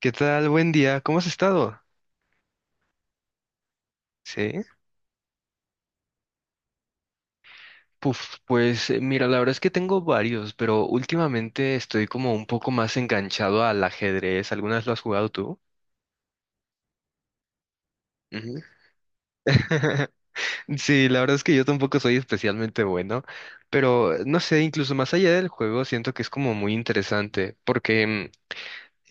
¿Qué tal? Buen día. ¿Cómo has estado? Sí. Puf, pues mira, la verdad es que tengo varios, pero últimamente estoy como un poco más enganchado al ajedrez. ¿Algunas lo has jugado tú? Ujú. Sí, la verdad es que yo tampoco soy especialmente bueno, pero no sé, incluso más allá del juego, siento que es como muy interesante, porque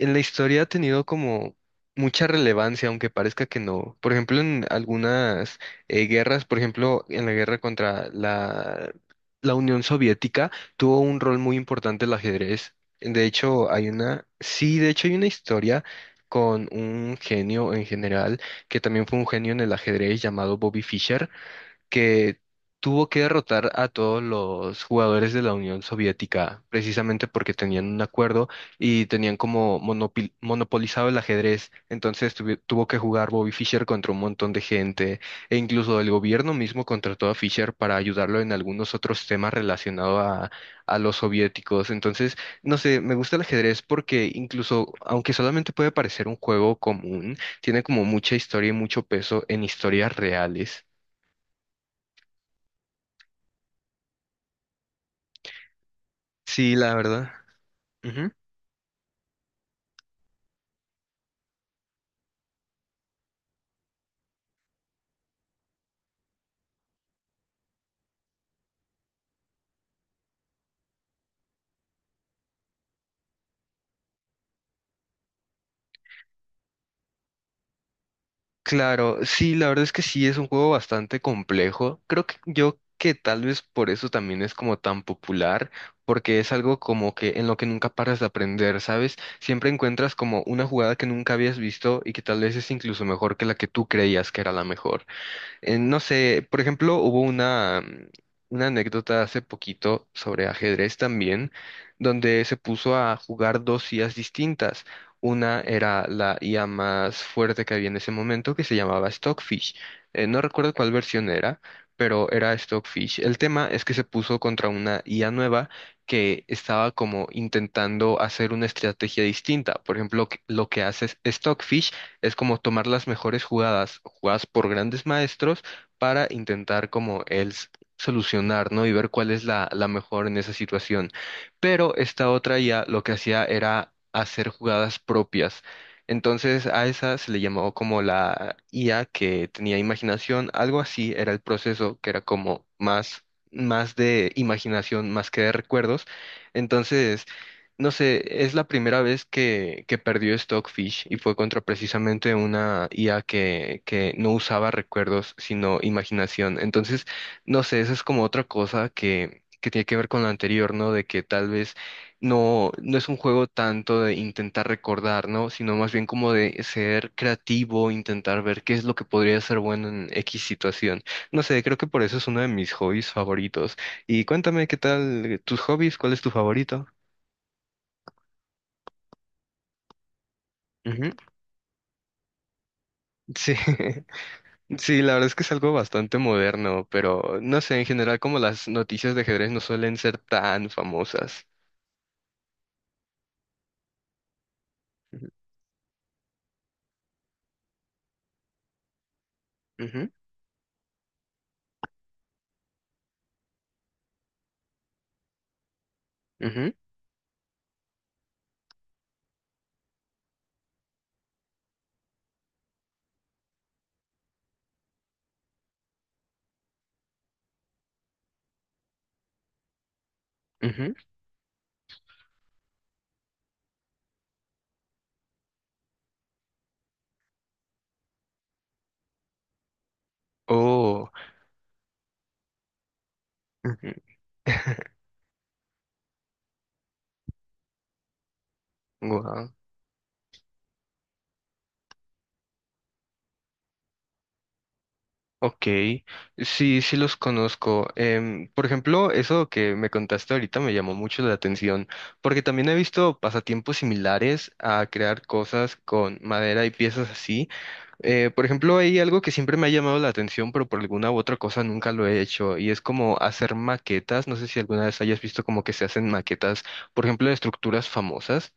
en la historia ha tenido como mucha relevancia, aunque parezca que no. Por ejemplo, en algunas guerras, por ejemplo, en la guerra contra la Unión Soviética, tuvo un rol muy importante el ajedrez. De hecho, hay una, sí, de hecho hay una historia con un genio en general, que también fue un genio en el ajedrez llamado Bobby Fischer que tuvo que derrotar a todos los jugadores de la Unión Soviética, precisamente porque tenían un acuerdo y tenían como monopolizado el ajedrez. Entonces tuvo que jugar Bobby Fischer contra un montón de gente e incluso el gobierno mismo contrató a Fischer para ayudarlo en algunos otros temas relacionados a los soviéticos. Entonces, no sé, me gusta el ajedrez porque incluso, aunque solamente puede parecer un juego común, tiene como mucha historia y mucho peso en historias reales. Sí, la verdad. Ujú. Claro, sí, la verdad es que sí es un juego bastante complejo. Creo que yo que tal vez por eso también es como tan popular, porque es algo como que en lo que nunca paras de aprender, ¿sabes? Siempre encuentras como una jugada que nunca habías visto y que tal vez es incluso mejor que la que tú creías que era la mejor. No sé, por ejemplo, hubo una, una anécdota hace poquito sobre ajedrez también, donde se puso a jugar dos IAs distintas. Una era la IA más fuerte que había en ese momento, que se llamaba Stockfish. No recuerdo cuál versión era, pero era Stockfish. El tema es que se puso contra una IA nueva que estaba como intentando hacer una estrategia distinta. Por ejemplo, lo que hace Stockfish es como tomar las mejores jugadas, jugadas por grandes maestros, para intentar como solucionar, ¿no? Y ver cuál es la mejor en esa situación. Pero esta otra IA lo que hacía era hacer jugadas propias. Entonces a esa se le llamó como la IA que tenía imaginación, algo así era el proceso, que era como más, más de imaginación, más que de recuerdos. Entonces no sé, es la primera vez que perdió Stockfish y fue contra precisamente una IA que no usaba recuerdos, sino imaginación. Entonces, no sé, esa es como otra cosa que tiene que ver con la anterior, ¿no? De que tal vez no es un juego tanto de intentar recordar, ¿no? Sino más bien como de ser creativo, intentar ver qué es lo que podría ser bueno en X situación. No sé, creo que por eso es uno de mis hobbies favoritos. Y cuéntame, ¿qué tal tus hobbies? ¿Cuál es tu favorito? Sí, sí, la verdad es que es algo bastante moderno, pero no sé, en general como las noticias de ajedrez no suelen ser tan famosas. Ujú, ujú, ujú, ujú. Oh, ujú. Wow. Ok, sí, sí los conozco. Por ejemplo, eso que me contaste ahorita me llamó mucho la atención, porque también he visto pasatiempos similares a crear cosas con madera y piezas así. Por ejemplo, hay algo que siempre me ha llamado la atención, pero por alguna u otra cosa nunca lo he hecho, y es como hacer maquetas. No sé si alguna vez hayas visto como que se hacen maquetas, por ejemplo, de estructuras famosas.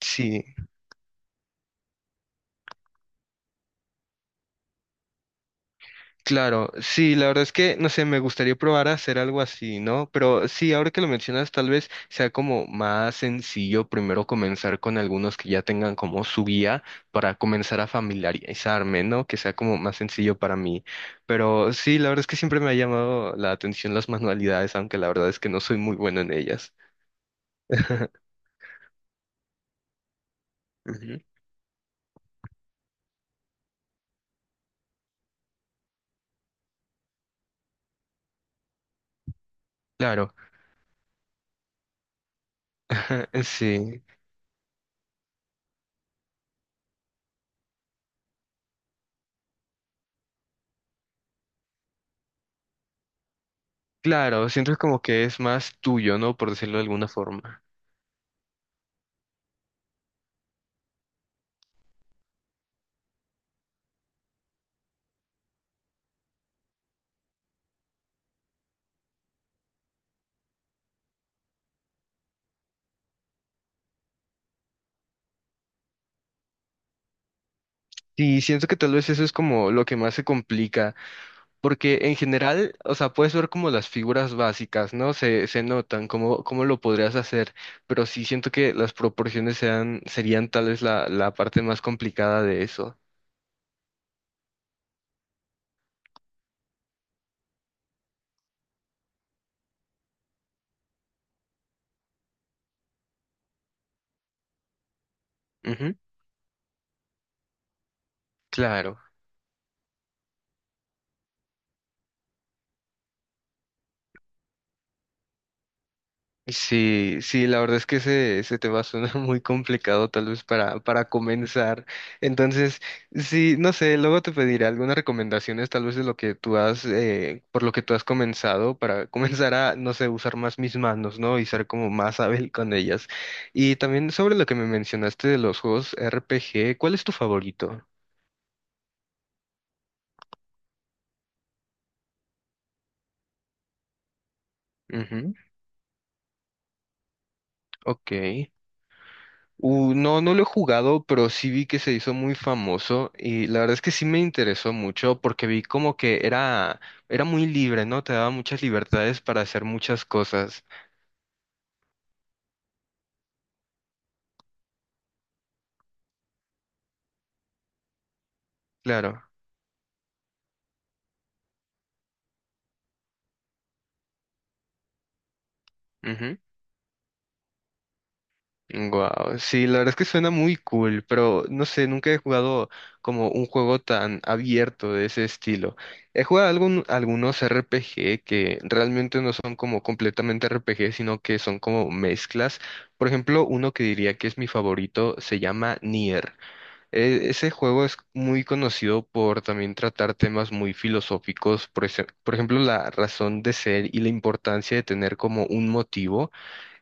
Sí. Claro, sí, la verdad es que, no sé, me gustaría probar a hacer algo así, ¿no? Pero sí, ahora que lo mencionas, tal vez sea como más sencillo primero comenzar con algunos que ya tengan como su guía para comenzar a familiarizarme, ¿no? Que sea como más sencillo para mí. Pero sí, la verdad es que siempre me ha llamado la atención las manualidades, aunque la verdad es que no soy muy bueno en ellas. Ujú. Claro, sí, claro, siento como que es más tuyo, ¿no? Por decirlo de alguna forma. Sí, siento que tal vez eso es como lo que más se complica, porque en general, o sea, puedes ver como las figuras básicas, ¿no? Se notan, cómo, cómo lo podrías hacer, pero sí siento que las proporciones sean, serían tal vez la parte más complicada de eso. Ujú, claro. Sí, sí, la verdad es que ese tema suena muy complicado tal vez para comenzar. Entonces, sí, no sé, luego te pediré algunas recomendaciones tal vez de lo que tú has, por lo que tú has comenzado, para comenzar a, no sé, usar más mis manos, ¿no? Y ser como más hábil con ellas. Y también sobre lo que me mencionaste de los juegos RPG, ¿cuál es tu favorito? Ujú, ok. No, no lo he jugado, pero sí vi que se hizo muy famoso y la verdad es que sí me interesó mucho porque vi como que era, era muy libre, ¿no? Te daba muchas libertades para hacer muchas cosas. Claro. Ujú. Wow, sí, la verdad es que suena muy cool, pero no sé, nunca he jugado como un juego tan abierto de ese estilo. He jugado algunos RPG que realmente no son como completamente RPG, sino que son como mezclas. Por ejemplo, uno que diría que es mi favorito se llama Nier. Ese juego es muy conocido por también tratar temas muy filosóficos, por, por ejemplo, la razón de ser y la importancia de tener como un motivo.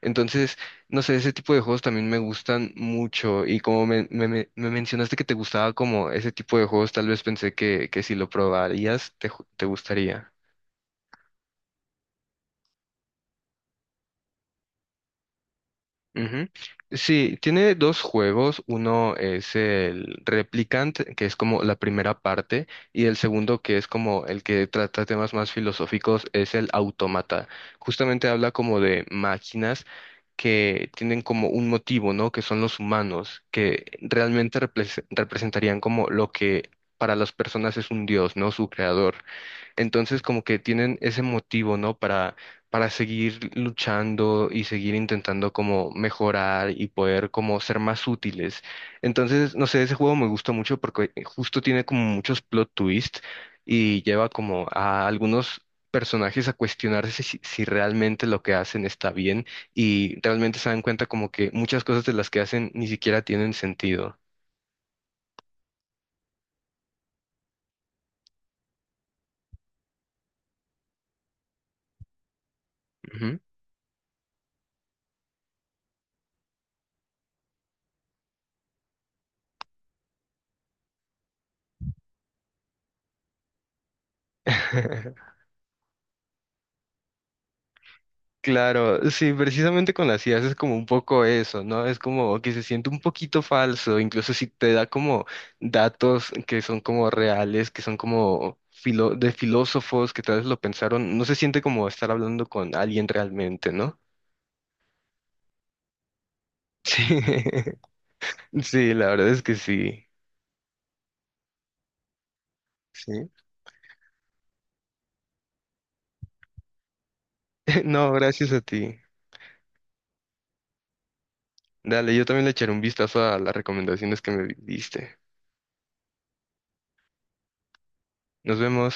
Entonces, no sé, ese tipo de juegos también me gustan mucho y como me mencionaste que te gustaba como ese tipo de juegos, tal vez pensé que si lo probarías te gustaría. Ujú. Sí, tiene dos juegos. Uno es el Replicant, que es como la primera parte, y el segundo, que es como el que trata temas más filosóficos, es el Autómata. Justamente habla como de máquinas que tienen como un motivo, ¿no? Que son los humanos, que realmente representarían como lo que para las personas es un dios, ¿no? Su creador. Entonces como que tienen ese motivo, ¿no? Para seguir luchando y seguir intentando como mejorar y poder como ser más útiles. Entonces, no sé, ese juego me gusta mucho porque justo tiene como muchos plot twists y lleva como a algunos personajes a cuestionarse si realmente lo que hacen está bien y realmente se dan cuenta como que muchas cosas de las que hacen ni siquiera tienen sentido. Ujú. Claro, sí, precisamente con las ideas es como un poco eso, ¿no? Es como que se siente un poquito falso, incluso si te da como datos que son como reales, que son como de filósofos que tal vez lo pensaron, no se siente como estar hablando con alguien realmente, ¿no? Sí, sí, la verdad es que sí, sí. No, gracias a ti. Dale, yo también le echaré un vistazo a las recomendaciones que me diste. Nos vemos.